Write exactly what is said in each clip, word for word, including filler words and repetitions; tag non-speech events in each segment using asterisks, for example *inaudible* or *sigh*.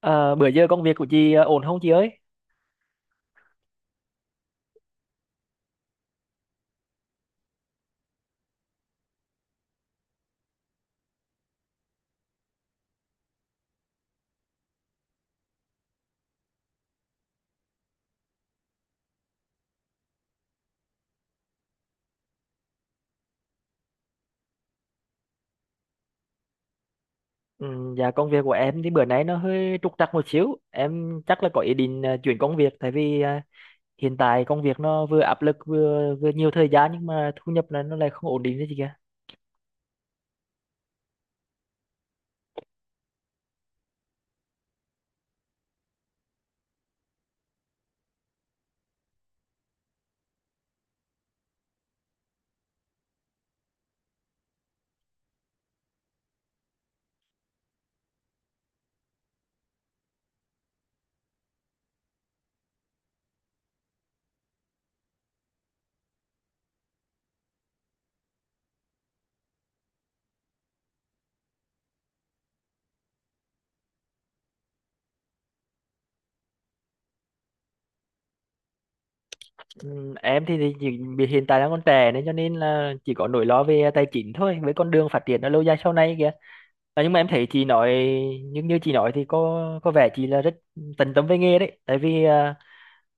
Ờ, Bữa giờ công việc của chị ờ, ổn không chị ơi? Ừ, dạ công việc của em thì bữa nay nó hơi trục trặc một xíu. Em chắc là có ý định ờ, chuyển công việc, tại vì ờ, hiện tại công việc nó vừa áp lực vừa vừa nhiều thời gian, nhưng mà thu nhập là nó lại không ổn định đấy chị kìa. Ừ, em thì, thì chỉ vì hiện tại đang còn trẻ, nên cho nên là chỉ có nỗi lo về tài chính thôi, với con đường phát triển ở lâu dài sau này kìa. À, nhưng mà em thấy chị nói, nhưng như như chị nói thì có có vẻ chị là rất tận tâm với nghề đấy. Tại vì ờ,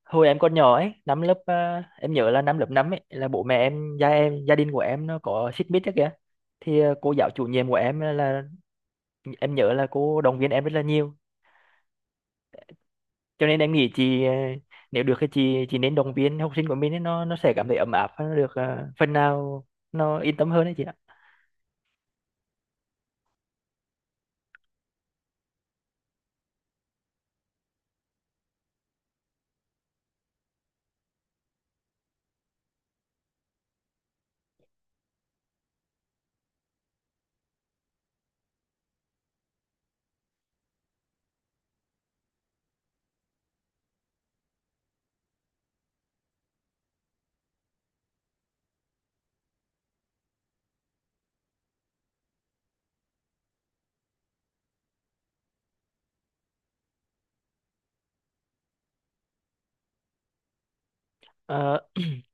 hồi em còn nhỏ ấy, năm lớp à, em nhớ là năm lớp năm ấy là bố mẹ em, gia em gia đình của em nó có xích mích ấy kìa, thì à, cô giáo chủ nhiệm của em là em nhớ là cô động viên em rất là nhiều, cho nên em nghĩ chị à, nếu được thì chị chị nên động viên học sinh của mình ấy, nó nó sẽ cảm thấy ấm áp và nó được à, phần nào nó yên tâm hơn đấy chị ạ. Ờ,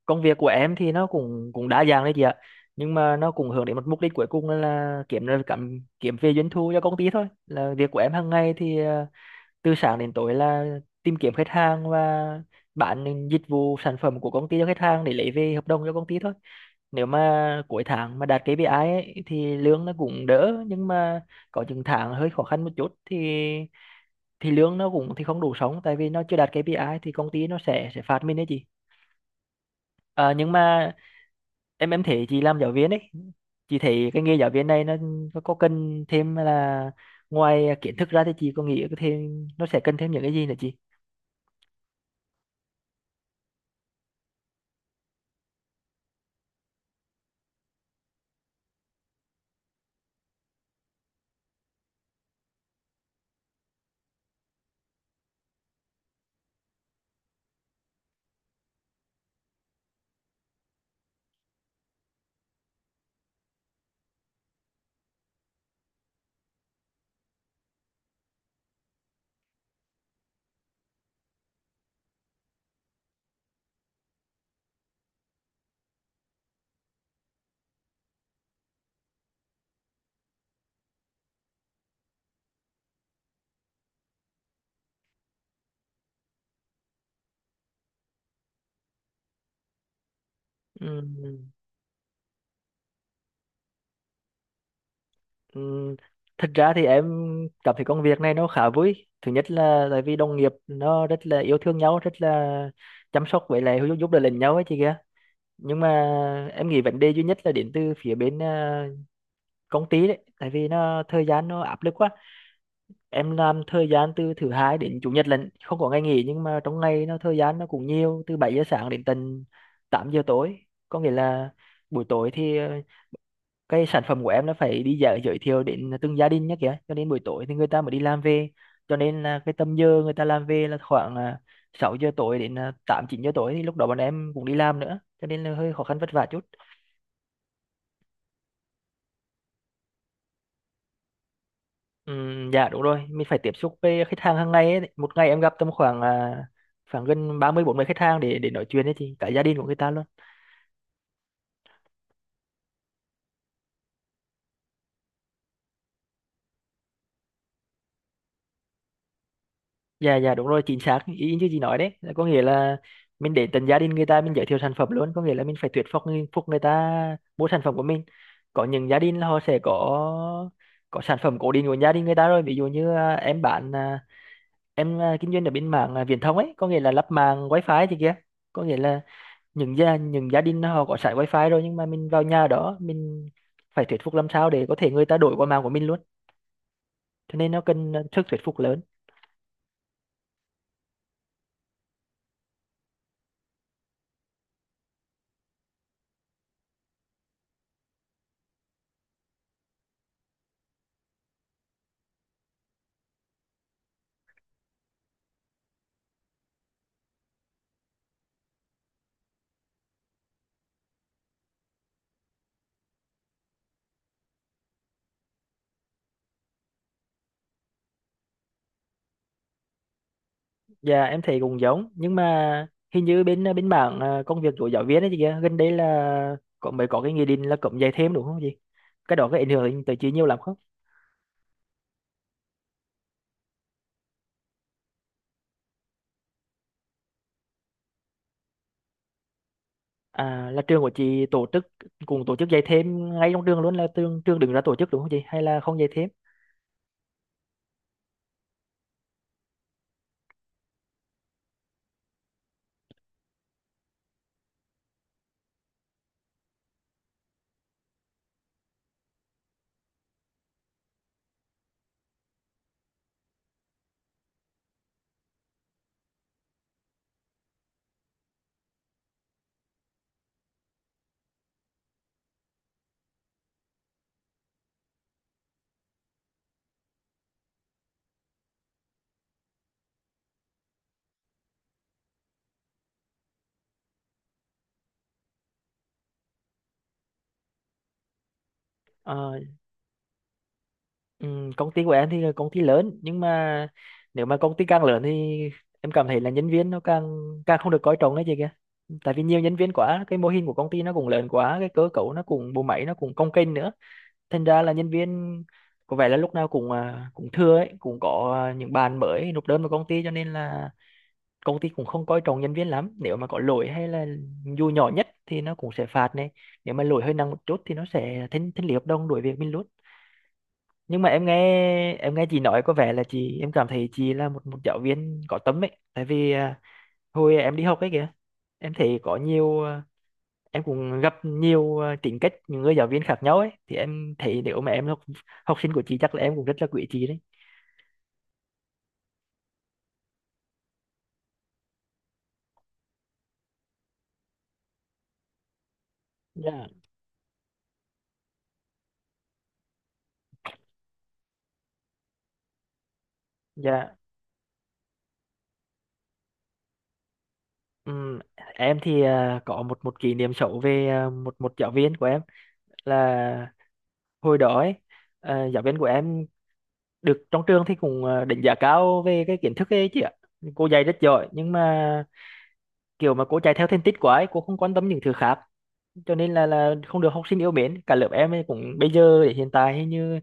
Công việc của em thì nó cũng cũng đa dạng đấy chị ạ, nhưng mà nó cũng hướng đến một mục đích cuối cùng là, là kiếm ra cảm kiếm về doanh thu cho công ty thôi. Là việc của em hàng ngày thì ờ, từ sáng đến tối là tìm kiếm khách hàng và bán những dịch vụ sản phẩm của công ty cho khách hàng để lấy về hợp đồng cho công ty thôi. Nếu mà cuối tháng mà đạt ca pê i ấy, thì lương nó cũng đỡ, nhưng mà có những tháng hơi khó khăn một chút thì thì lương nó cũng thì không đủ sống, tại vì nó chưa đạt ca pê i thì công ty nó sẽ sẽ phạt mình đấy chị. À, nhưng mà em em thấy chị làm giáo viên ấy, chị thấy cái nghề giáo viên này nó có, có cần thêm là, ngoài kiến thức ra thì chị có nghĩ thêm nó sẽ cần thêm những cái gì nữa chị? Ừ. Ừ, thật ra thì em cảm thấy công việc này nó khá vui. Thứ nhất là tại vì đồng nghiệp nó rất là yêu thương nhau, rất là chăm sóc, với lại giúp giúp đỡ lẫn nhau ấy chị kia. Nhưng mà em nghĩ vấn đề duy nhất là đến từ phía bên à, công ty đấy, tại vì nó thời gian nó áp lực quá. Em làm thời gian từ thứ hai đến chủ nhật lận, không có ngày nghỉ, nhưng mà trong ngày nó thời gian nó cũng nhiều, từ bảy giờ sáng đến tận tám giờ tối. Có nghĩa là buổi tối thì ờ, cái sản phẩm của em nó phải đi dạo giới thiệu đến từng gia đình nhé kìa, cho nên buổi tối thì người ta mới đi làm về, cho nên là cái tầm giờ người ta làm về là khoảng à, sáu giờ tối đến à, tám chín giờ tối, thì lúc đó bọn em cũng đi làm nữa, cho nên là hơi khó khăn vất vả chút. Ừm, dạ đúng rồi, mình phải tiếp xúc với khách hàng hàng ngày ấy. Một ngày em gặp tầm khoảng à, khoảng gần ba mươi bốn mươi khách hàng để để nói chuyện ấy chị, cả gia đình của người ta luôn. Dạ, dạ, đúng rồi, chính xác ý như chị nói đấy, là có nghĩa là mình để tận gia đình người ta mình giới thiệu sản phẩm luôn, có nghĩa là mình phải thuyết phục người, phục người ta mua sản phẩm của mình. Có những gia đình là họ sẽ có có sản phẩm cố định của gia đình người ta rồi. Ví dụ như à, em bán à, em à, kinh doanh ở bên mạng à, viễn thông ấy, có nghĩa là lắp mạng wifi thì kia, có nghĩa là những gia những gia đình họ có sẵn wifi rồi, nhưng mà mình vào nhà đó mình phải thuyết phục làm sao để có thể người ta đổi qua mạng của mình luôn, cho nên nó cần sức thuyết phục lớn. Dạ em thấy cũng giống, nhưng mà hình như bên bên mảng à, công việc của giáo viên ấy chị kia, gần đây là có mới có cái nghị định là cấm dạy thêm đúng không chị? Cái đó có ảnh hưởng đến tới chị nhiều lắm không? À, là trường của chị tổ chức cùng tổ chức dạy thêm ngay trong trường luôn, là trường trường đứng ra tổ chức đúng không chị? Hay là không dạy thêm? Ờ, ừm, Công ty của em thì là công ty lớn, nhưng mà nếu mà công ty càng lớn thì em cảm thấy là nhân viên nó càng càng không được coi trọng đấy chị kia. Tại vì nhiều nhân viên quá, cái mô hình của công ty nó cũng lớn quá, cái cơ cấu nó cũng bộ máy nó cũng cồng kềnh nữa, thành ra là nhân viên có vẻ là lúc nào cũng à, cũng thưa ấy, cũng có à, những bạn mới nộp đơn vào công ty, cho nên là công ty cũng không coi trọng nhân viên lắm. Nếu mà có lỗi hay là dù nhỏ nhất thì nó cũng sẽ phạt này, nếu mà lỗi hơi nặng một chút thì nó sẽ thanh thanh lý hợp đồng đuổi việc mình luôn. Nhưng mà em nghe em nghe chị nói có vẻ là chị, em cảm thấy chị là một một giáo viên có tâm ấy, tại vì à, hồi em đi học ấy kìa, em thấy có nhiều à, em cũng gặp nhiều ờ, tính cách những người giáo viên khác nhau ấy, thì em thấy nếu mà em là học học sinh của chị chắc là em cũng rất là quý chị đấy. Dạ, dạ. Ừm, em thì ờ, có một một kỷ niệm xấu về ờ, một một giáo viên của em, là hồi đó ấy ờ, giáo viên của em được trong trường thì cũng ờ, đánh giá cao về cái kiến thức ấy chị ạ. Cô dạy rất giỏi, nhưng mà kiểu mà cô chạy theo thành tích quá ấy, cô không quan tâm những thứ khác, cho nên là là không được học sinh yêu mến. Cả lớp em ấy cũng bây giờ hiện tại hình như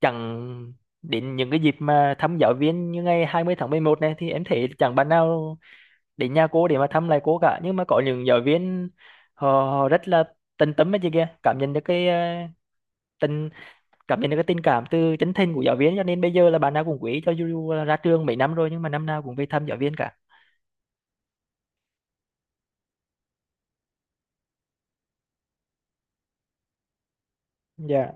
chẳng đến những cái dịp mà thăm giáo viên, như ngày hai mươi tháng mười một này thì em thấy chẳng bạn nào đến nhà cô để mà thăm lại cô cả. Nhưng mà có những giáo viên họ, họ rất là tận tâm ấy chị kia, cảm nhận được cái ờ, tình cảm nhận được cái tình cảm từ chân thành của giáo viên, cho nên bây giờ là bạn nào cũng quý, cho dù là ra trường mấy năm rồi nhưng mà năm nào cũng về thăm giáo viên cả. Dạ.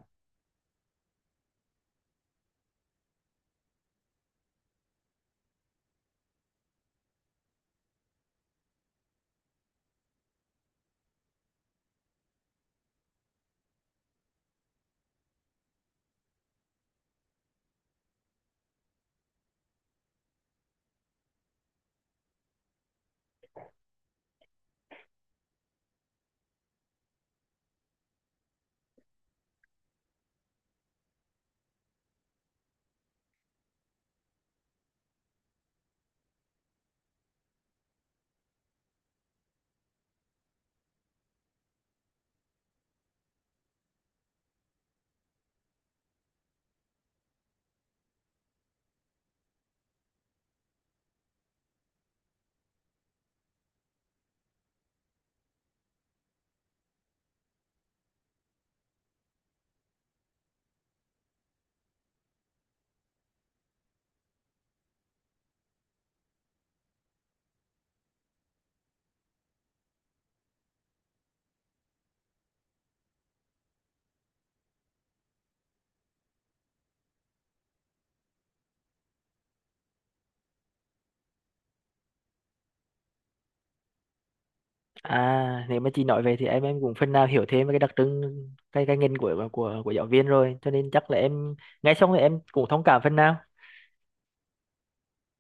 à Nếu mà chị nói về thì em em cũng phần nào hiểu thêm về cái đặc trưng, cái cái ngành của của của giáo viên rồi, cho nên chắc là em nghe xong thì em cũng thông cảm phần nào.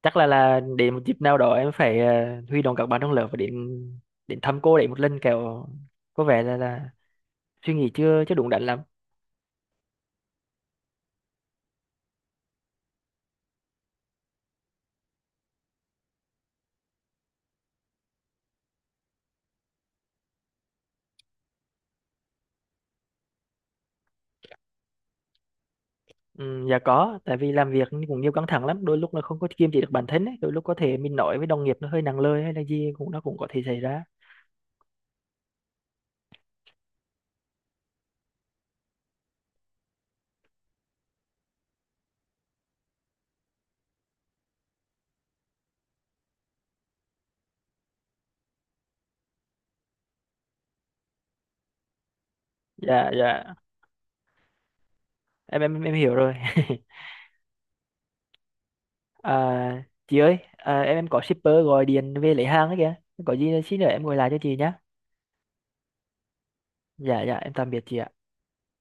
Chắc là là đến một dịp nào đó em phải ờ, huy động các bạn trong lớp và đến đến thăm cô đấy một lần kẹo, có vẻ là là suy nghĩ chưa chưa đúng đắn lắm. Ừ, dạ có, tại vì làm việc cũng nhiều căng thẳng lắm, đôi lúc là không có kiềm chế được bản thân ấy. Đôi lúc có thể mình nói với đồng nghiệp nó hơi nặng lời hay là gì cũng nó cũng có thể xảy ra. Dạ, dạ, em em em hiểu rồi. *laughs* À, chị ơi, à, em em có shipper gọi điện về lấy hàng ấy kìa, có gì xin nữa em gọi lại cho chị nhé. Dạ, dạ, em tạm biệt chị ạ.